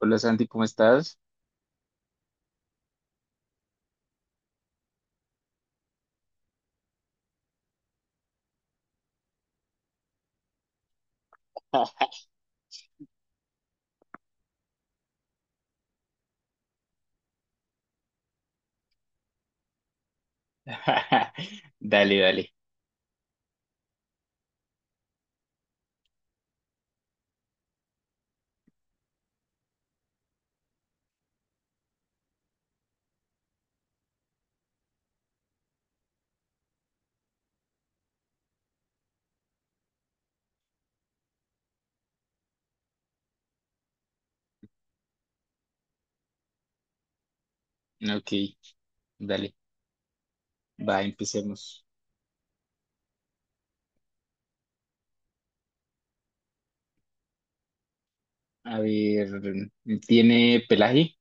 Hola Santi, ¿cómo estás? Dale, dale. Ok, dale. Va, empecemos. A ver, tiene pelaje,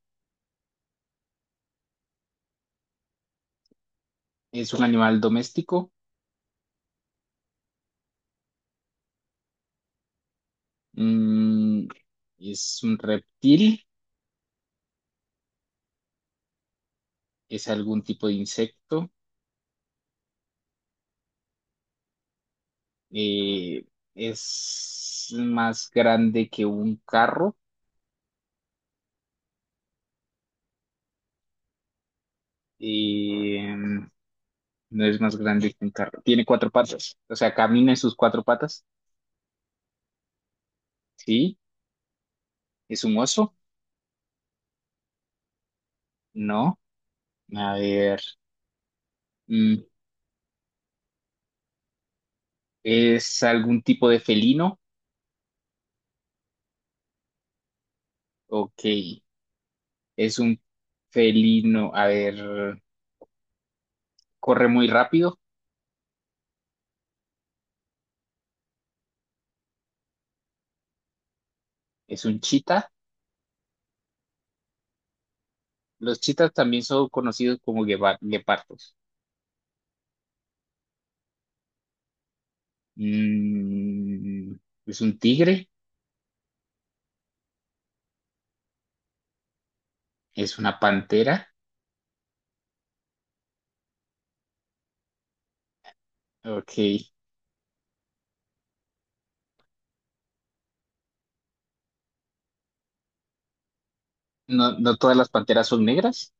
es un animal doméstico. Mm, ¿es un reptil, es algún tipo de insecto, Eh, es más grande que un carro? Eh, no es más grande que un carro. Tiene cuatro patas, o sea, camina en sus cuatro patas, ¿sí? ¿Es un oso? No. A ver. Mm, ¿es algún tipo de felino? Ok. ¿Es un felino? A ver, corre muy rápido. ¿Es un chita? Los chitas también son conocidos como guepardos. Mm, ¿es un tigre? ¿Es una pantera? Ok. ¿No, no todas las panteras son negras?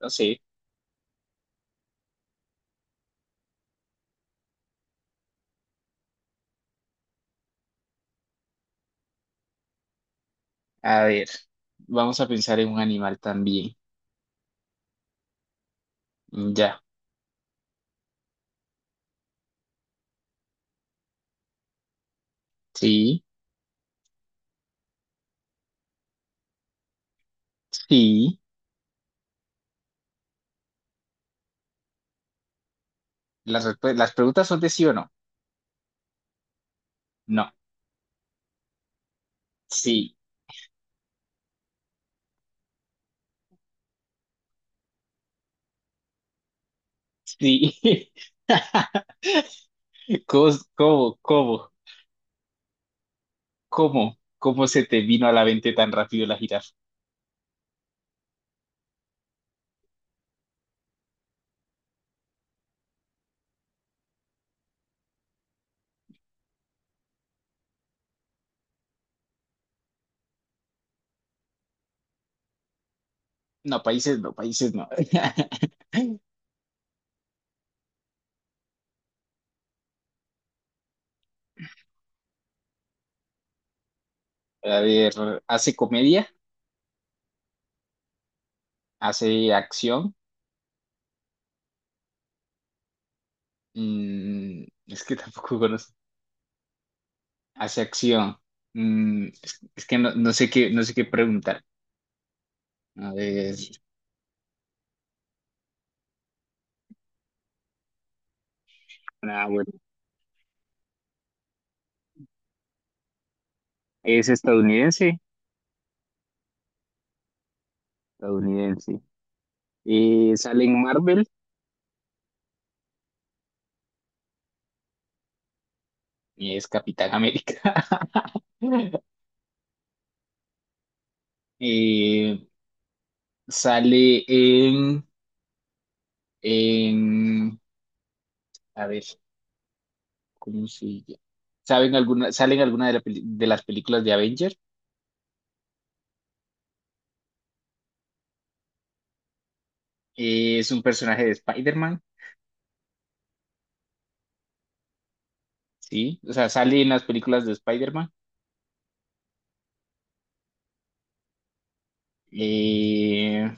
No sé. A ver, vamos a pensar en un animal también. Mm, ya. Sí, sí. Las preguntas son de sí o no. No. Sí. Sí. ¿Cómo, cómo, cómo, cómo se te vino a la mente tan rápido la jirafa? No, países no, países no. A ver, hace comedia, hace acción. Mm, es que tampoco conozco. Hace acción. Mm, es que no sé qué, no sé qué preguntar. A ver, ah, bueno. Es estadounidense, estadounidense. Sale en Marvel y es Capitán América. Eh, sale en, a ver, ¿cómo se llama? ¿Saben alguna, sale en alguna de, de las películas de Avenger? Es un personaje de Spider-Man, ¿sí? O sea, sale en las películas de Spider-Man. Eh,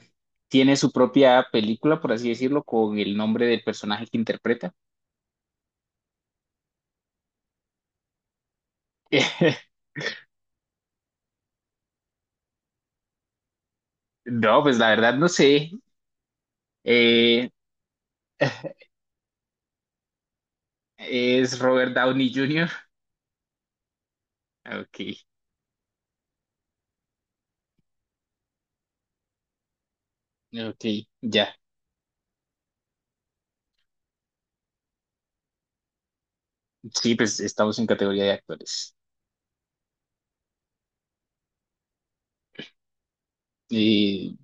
tiene su propia película, por así decirlo, con el nombre del personaje que interpreta. No, pues la verdad no sé. Eh, es Robert Downey Jr. Ok, ok, ya. Sí, pues estamos en categoría de actores. Eh,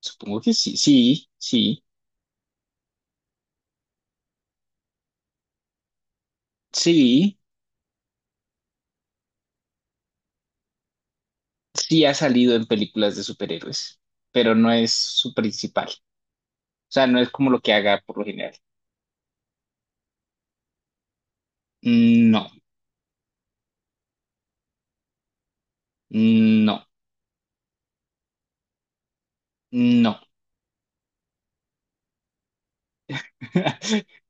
supongo que sí, sí, sí, sí, sí ha salido en películas de superhéroes, pero no es su principal. O sea, no es como lo que haga por lo general. No, no, no,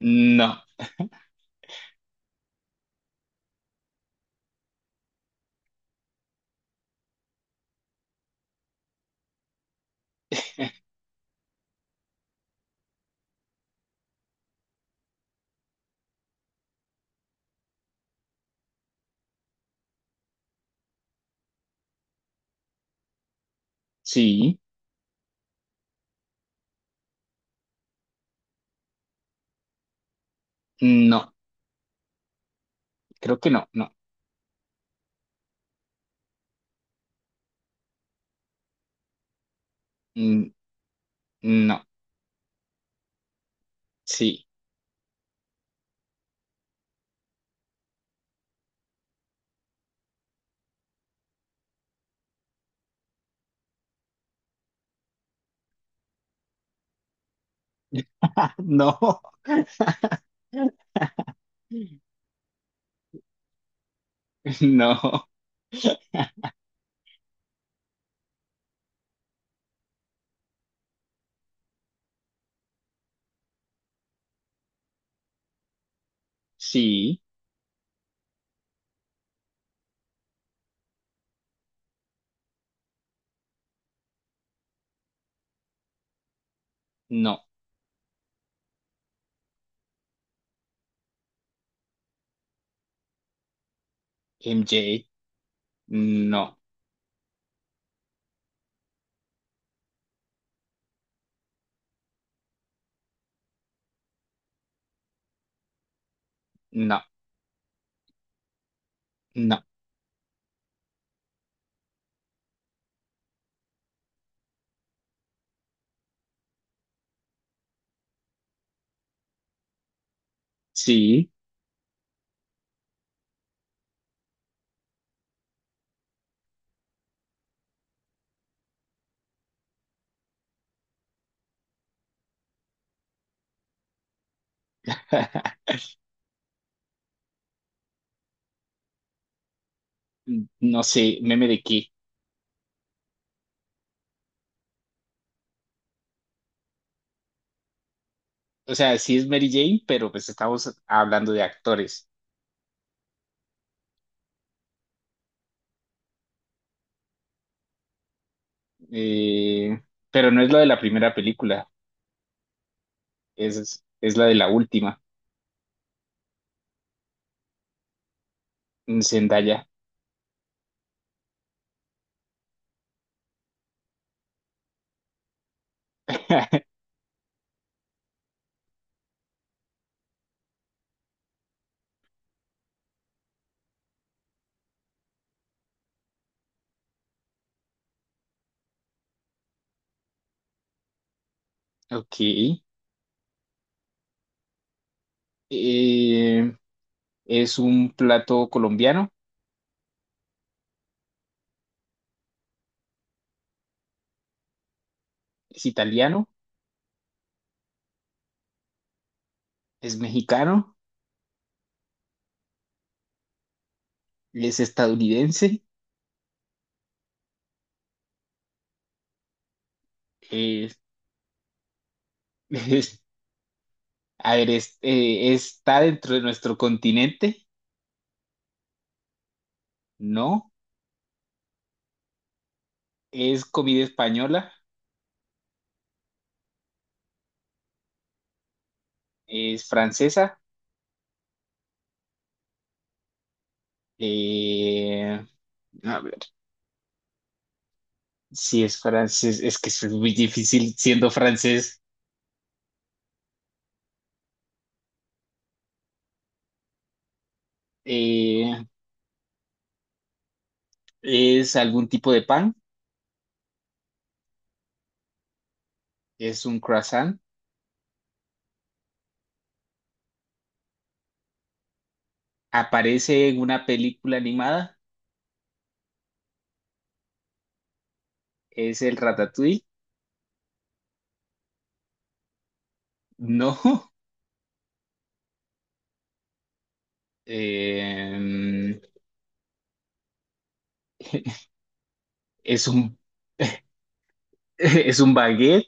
no, sí, no, creo que no, no, mm, no, sí, no, no, sí, no, MJ, no, no, no, sí. No sé, meme de qué. O sea, sí es Mary Jane, pero pues estamos hablando de actores. Eh, pero no es la de la primera película, es la de la última, Zendaya. Ok. Eh, ¿es un plato colombiano, es italiano, es mexicano, es estadounidense, eh, es- a ver, está dentro de nuestro continente, ¿no? Es comida española, es francesa. Eh, a ver, si es francés, es que es muy difícil siendo francés. Eh, ¿Es algún tipo de pan? ¿Es un croissant? ¿Aparece en una película animada? ¿Es el ratatouille? No. Eh, ¿es un, ¿es un baguette?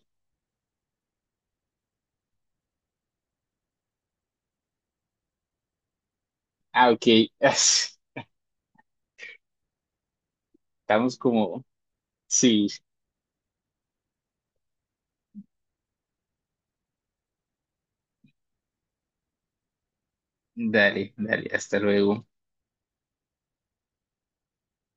Ah, ok. Estamos como... Sí, dale, dale, hasta luego.